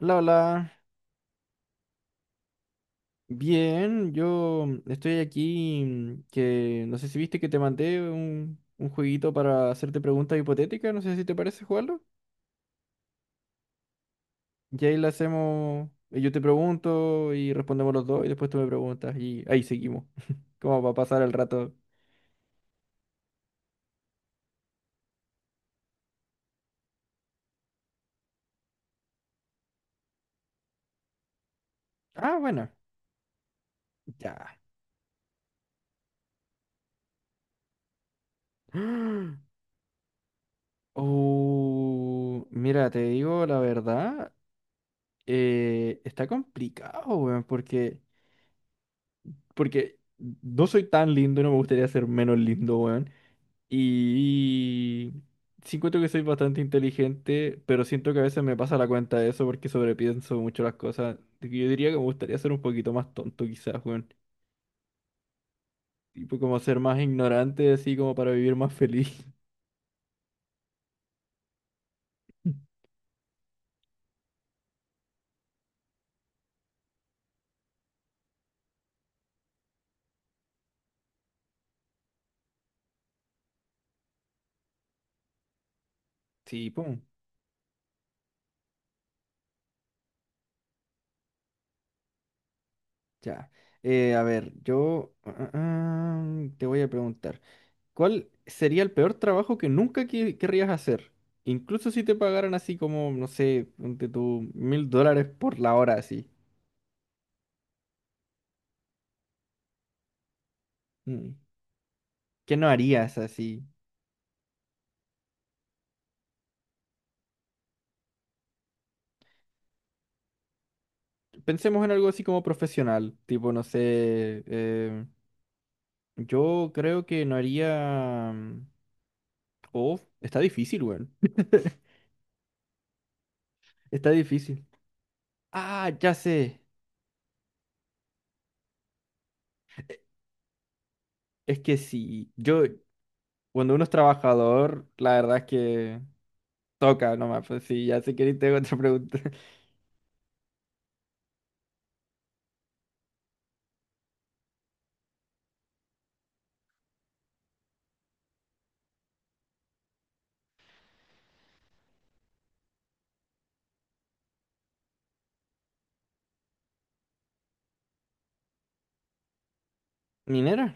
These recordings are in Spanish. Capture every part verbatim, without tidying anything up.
Hola, hola. Bien, yo estoy aquí mm, que no sé si viste que te mandé un, un jueguito para hacerte preguntas hipotéticas, no sé si te parece jugarlo. Y ahí le hacemos, y yo te pregunto y respondemos los dos y después tú me preguntas y ahí seguimos. ¿Cómo va a pasar el rato? Ah, bueno, ya. Oh, mira, te digo la verdad, eh, está complicado, weón, porque... Porque no soy tan lindo y no me gustaría ser menos lindo, weón. Y sí encuentro que soy bastante inteligente, pero siento que a veces me pasa la cuenta de eso porque sobrepienso mucho las cosas. Así que yo diría que me gustaría ser un poquito más tonto quizás, weón. Tipo como ser más ignorante, así como para vivir más feliz. Sí, pum. Ya. Eh, a ver, yo ah, ah, ah, te voy a preguntar. ¿Cuál sería el peor trabajo que nunca que- querrías hacer? Incluso si te pagaran así como, no sé, ponte tú mil dólares por la hora así. Mm. ¿Qué no harías así? Pensemos en algo así como profesional, tipo, no sé, eh, yo creo que no haría... mm, oh, está difícil, weón. Está difícil. Ah, ya sé. Es que sí, yo, cuando uno es trabajador, la verdad es que toca nomás, pues sí, ya sé que ni tengo otra pregunta. ¿Minera?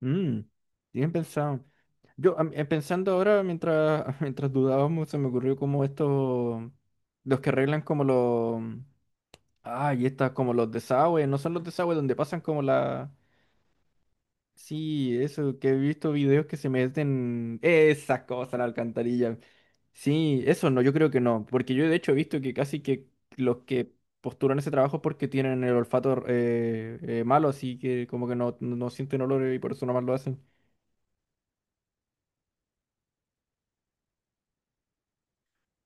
Mm, bien pensado. Yo am- eh, pensando ahora, mientras, mientras dudábamos, se me ocurrió como estos, los que arreglan como los, ay, estas como los desagües, no son los desagües donde pasan como la, sí, eso, que he visto videos que se meten, esas cosas, la alcantarilla. Sí, eso no, yo creo que no, porque yo de hecho he visto que casi que los que postulan ese trabajo es porque tienen el olfato eh, eh, malo, así que como que no, no sienten olor y por eso nomás lo hacen.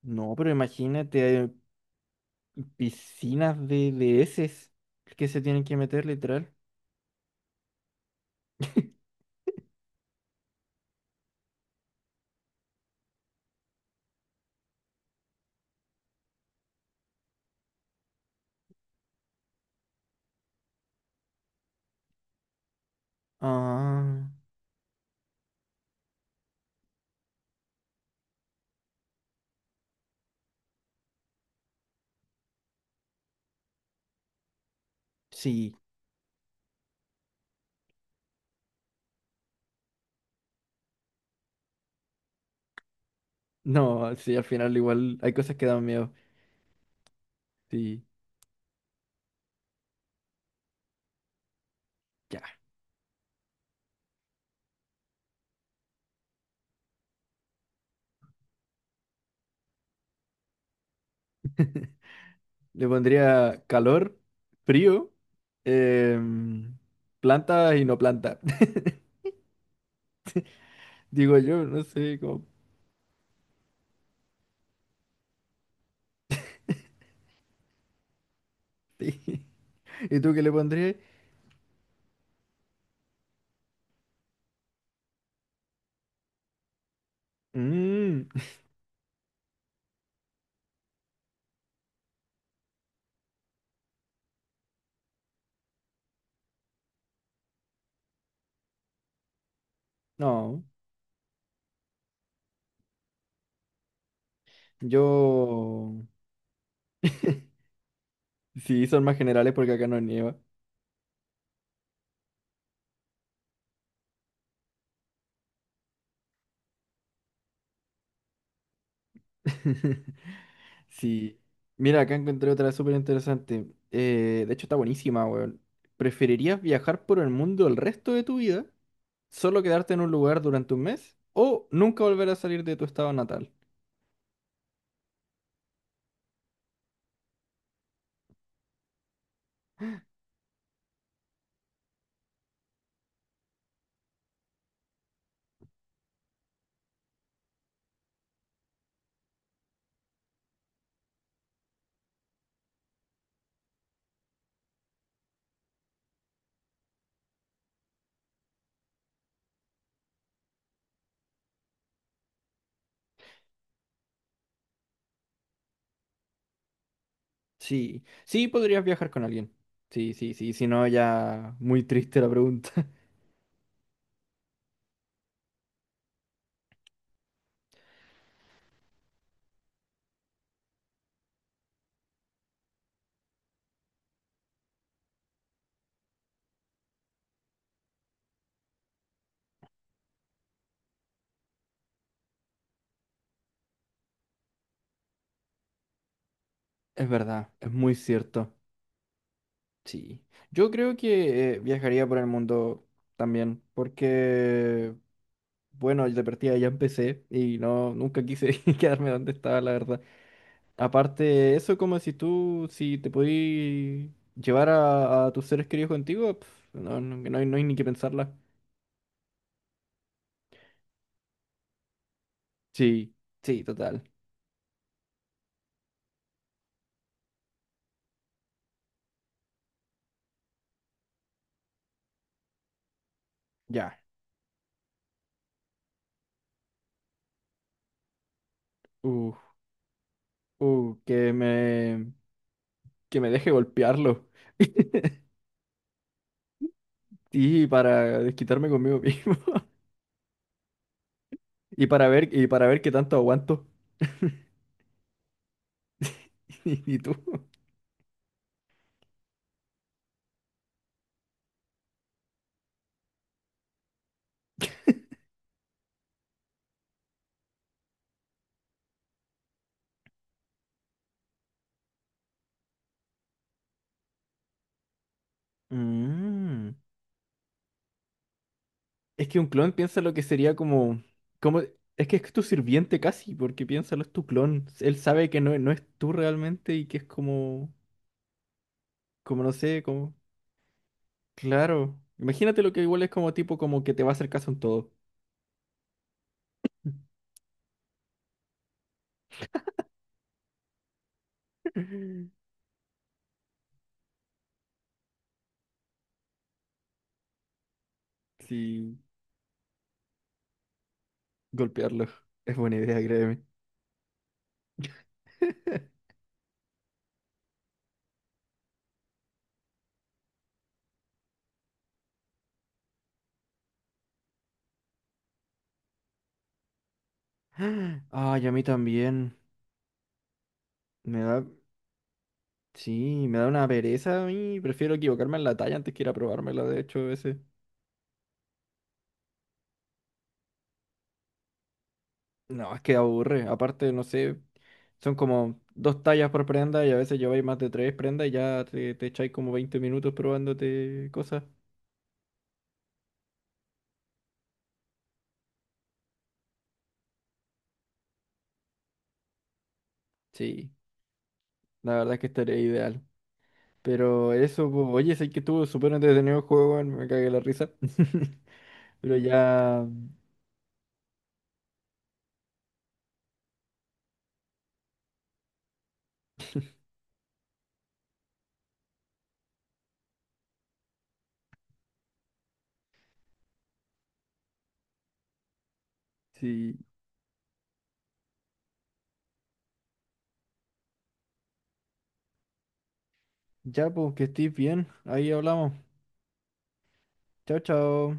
No, pero imagínate, eh, piscinas de, de heces que se tienen que meter literal. Ah, sí. No, sí, al final igual hay cosas que dan miedo. Sí, ya. Le pondría calor, frío, em, planta y no planta. Digo yo, no sé cómo. ¿Y tú qué le pondrías? Mm, no, yo... Sí, son más generales porque acá no nieva. Sí. Mira, acá encontré otra súper interesante. Eh, de hecho, está buenísima, weón. ¿Preferirías viajar por el mundo el resto de tu vida, solo quedarte en un lugar durante un mes, o nunca volver a salir de tu estado natal? Sí, sí podrías viajar con alguien. Sí, sí, sí, si no, ya muy triste la pregunta. Es verdad, es muy cierto. Sí, yo creo que eh, viajaría por el mundo también, porque, bueno, de partida ya empecé y no, nunca quise quedarme donde estaba, la verdad. Aparte, eso como si tú, si te podí llevar a, a tus seres queridos contigo, pf, no, no, no hay, no hay ni que pensarla. Sí, sí, total. Ya. Uh, uh, que me, que me deje golpearlo. Sí, para desquitarme conmigo mismo. Y para ver, y para ver qué tanto aguanto. Y, y tú. Mm. Es que un clon piensa lo que sería como, como, es que es tu sirviente casi, porque piénsalo, es tu clon. Él sabe que no, no es tú realmente y que es como, como no sé, como, claro. Imagínate lo que igual es como tipo como que te va a hacer caso en todo. Sí, golpearlo. Es buena idea, créeme. Ay, a mí también. Me da, sí, me da una pereza a mí. Prefiero equivocarme en la talla antes que ir a probármela, de hecho, a veces. No, es que aburre. Aparte, no sé, son como dos tallas por prenda y a veces lleváis más de tres prendas y ya te, te echáis como veinte minutos probándote cosas. Sí, la verdad es que estaría ideal. Pero eso, pues, oye, sé que estuvo súper entretenido el juego, weón, me cagué la risa. Pero ya, sí, ya, pues, que estés bien. Ahí hablamos. Chao, chao.